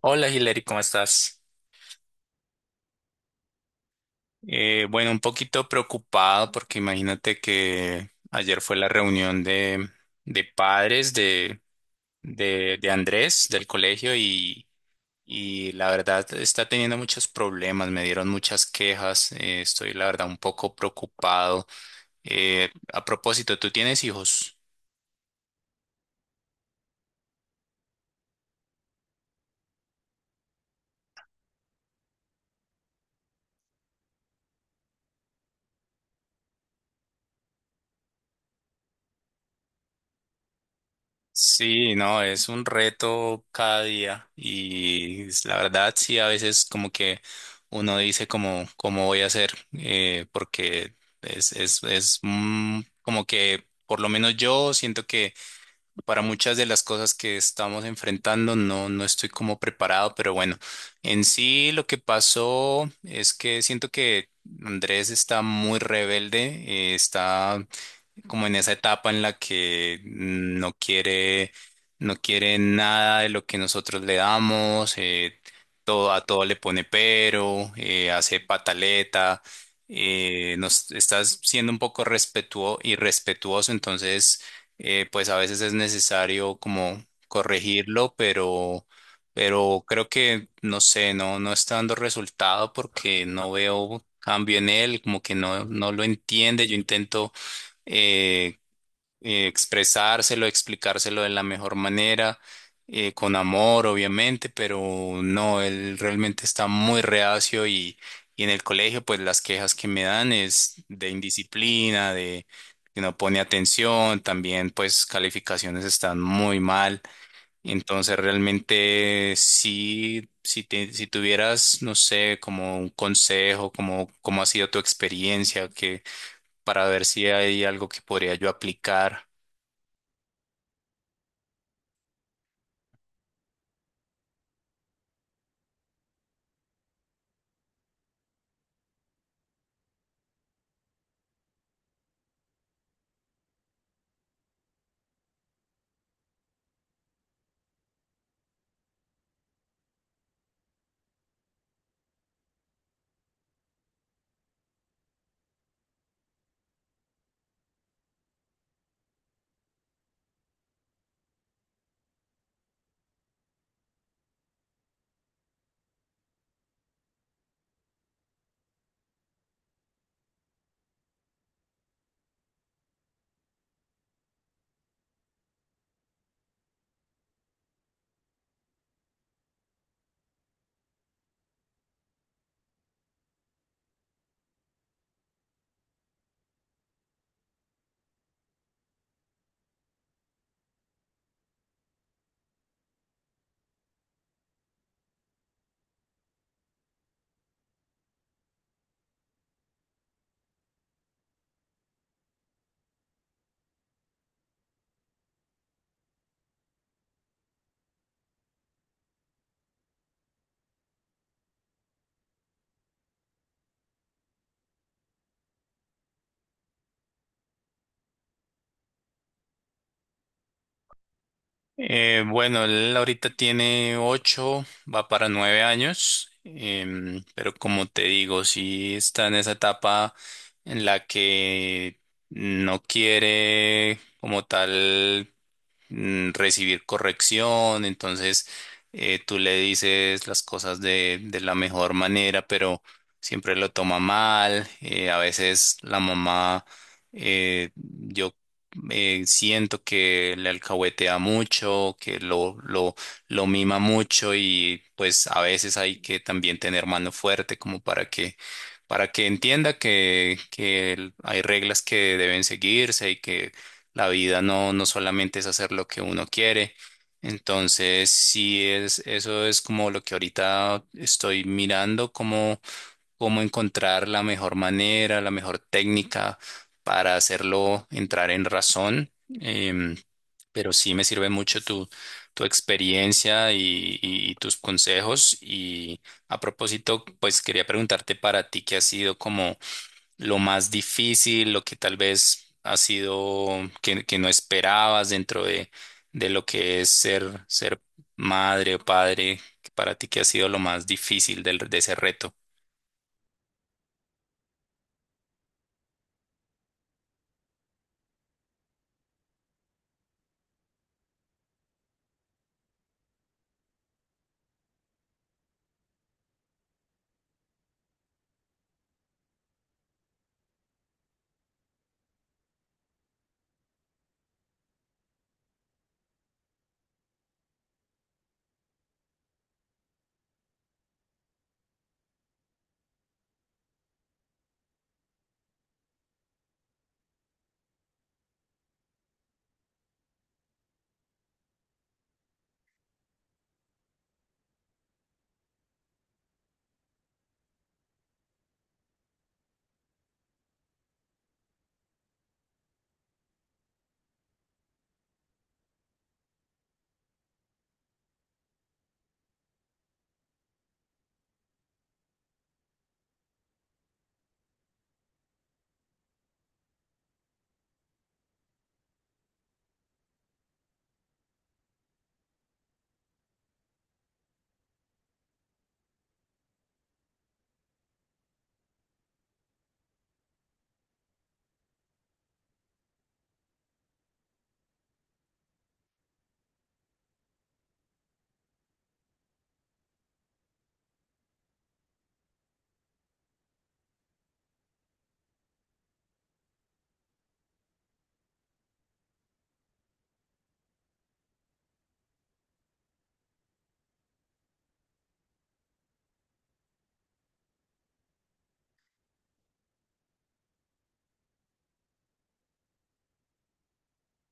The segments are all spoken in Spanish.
Hola Hilary, ¿cómo estás? Bueno, un poquito preocupado porque imagínate que ayer fue la reunión de padres de Andrés del colegio y la verdad está teniendo muchos problemas, me dieron muchas quejas, estoy la verdad un poco preocupado. A propósito, ¿tú tienes hijos? Sí, no, es un reto cada día y. La verdad sí, a veces como que uno dice como cómo voy a hacer porque es como que por lo menos yo siento que para muchas de las cosas que estamos enfrentando no, no estoy como preparado, pero bueno, en sí lo que pasó es que siento que Andrés está muy rebelde, está como en esa etapa en la que no quiere nada de lo que nosotros le damos, todo, a todo le pone pero, hace pataleta, nos estás siendo un poco respetuoso y entonces pues a veces es necesario como corregirlo, pero creo que no sé, no, no está dando resultado porque no veo cambio en él, como que no, no lo entiende. Yo intento eh, expresárselo, explicárselo de la mejor manera, con amor, obviamente, pero no, él realmente está muy reacio y en el colegio, pues las quejas que me dan es de indisciplina, de que no pone atención, también pues calificaciones están muy mal. Entonces realmente sí, si tuvieras, no sé, como un consejo, como cómo ha sido tu experiencia, para ver si hay algo que podría yo aplicar. Bueno, él ahorita tiene ocho, va para nueve años, pero como te digo, sí está en esa etapa en la que no quiere como tal recibir corrección, entonces tú le dices las cosas de la mejor manera, pero siempre lo toma mal, a veces la mamá, yo siento que le alcahuetea mucho, lo mima mucho y pues a veces hay que también tener mano fuerte como para que entienda que hay reglas que deben seguirse y que la vida no, no solamente es hacer lo que uno quiere. Entonces, sí es, eso es como lo que ahorita estoy mirando, cómo encontrar la mejor manera, la mejor técnica para hacerlo entrar en razón. Em, pero sí me sirve mucho tu experiencia y tus consejos. Y a propósito, pues quería preguntarte para ti qué ha sido como lo más difícil, lo que tal vez ha sido que no esperabas dentro de lo que es ser madre o padre, para ti qué ha sido lo más difícil de ese reto.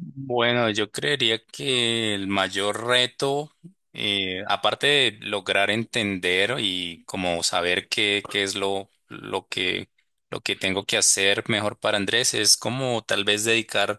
Bueno, yo creería que el mayor reto, aparte de lograr entender y como saber qué es lo que tengo que hacer mejor para Andrés, es como tal vez dedicar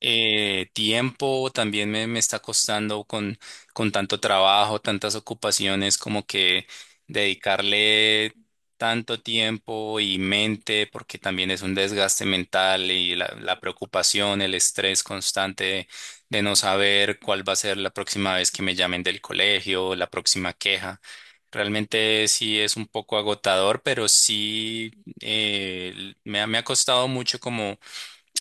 tiempo. También me está costando con tanto trabajo, tantas ocupaciones, como que dedicarle tanto tiempo y mente, porque también es un desgaste mental y la preocupación, el estrés constante de no saber cuál va a ser la próxima vez que me llamen del colegio, la próxima queja. Realmente sí es un poco agotador, pero sí me ha costado mucho como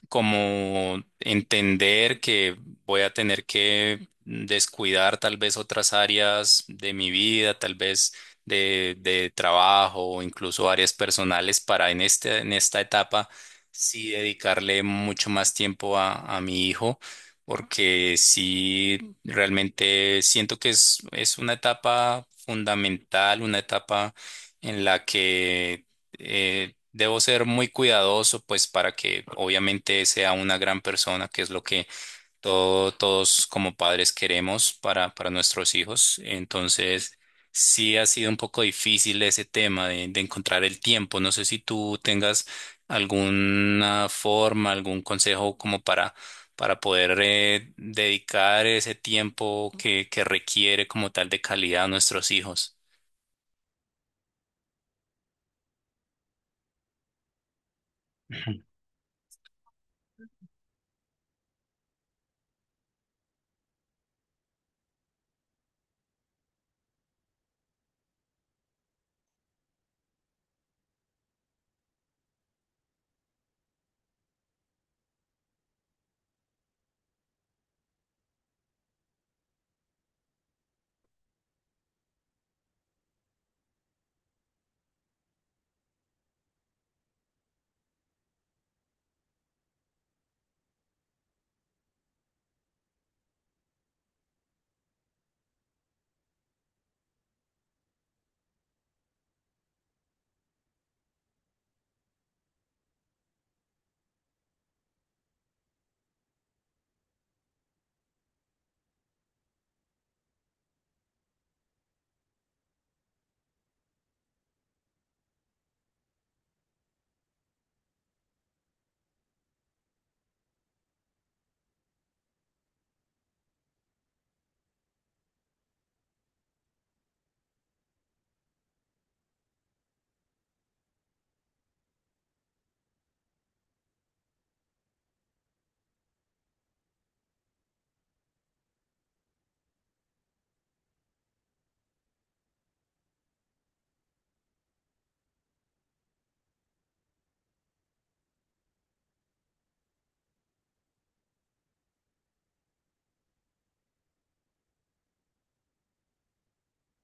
como entender que voy a tener que descuidar tal vez otras áreas de mi vida, tal vez de trabajo o incluso áreas personales para en este, en esta etapa sí dedicarle mucho más tiempo a mi hijo. Porque sí, realmente siento que es una etapa fundamental, una etapa en la que debo ser muy cuidadoso, pues para que obviamente sea una gran persona, que es lo que todos como padres queremos para nuestros hijos. Entonces, sí ha sido un poco difícil ese tema de encontrar el tiempo. No sé si tú tengas alguna forma, algún consejo como para poder dedicar ese tiempo que requiere como tal de calidad a nuestros hijos.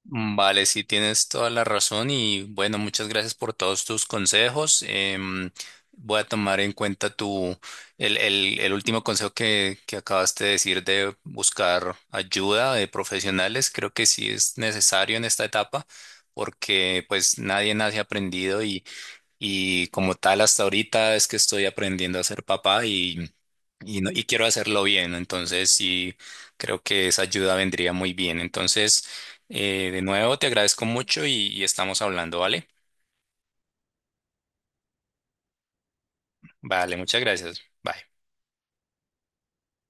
Mm, vale, sí, tienes toda la razón y bueno, muchas gracias por todos tus consejos. Voy a tomar en cuenta el último consejo que acabaste de decir de buscar ayuda de profesionales. Creo que sí es necesario en esta etapa porque pues nadie nace aprendido y como tal, hasta ahorita es que estoy aprendiendo a ser papá y quiero hacerlo bien. ¿No? Entonces, sí, creo que esa ayuda vendría muy bien. Entonces, de nuevo, te agradezco mucho y estamos hablando, ¿vale? Vale, muchas gracias. Bye.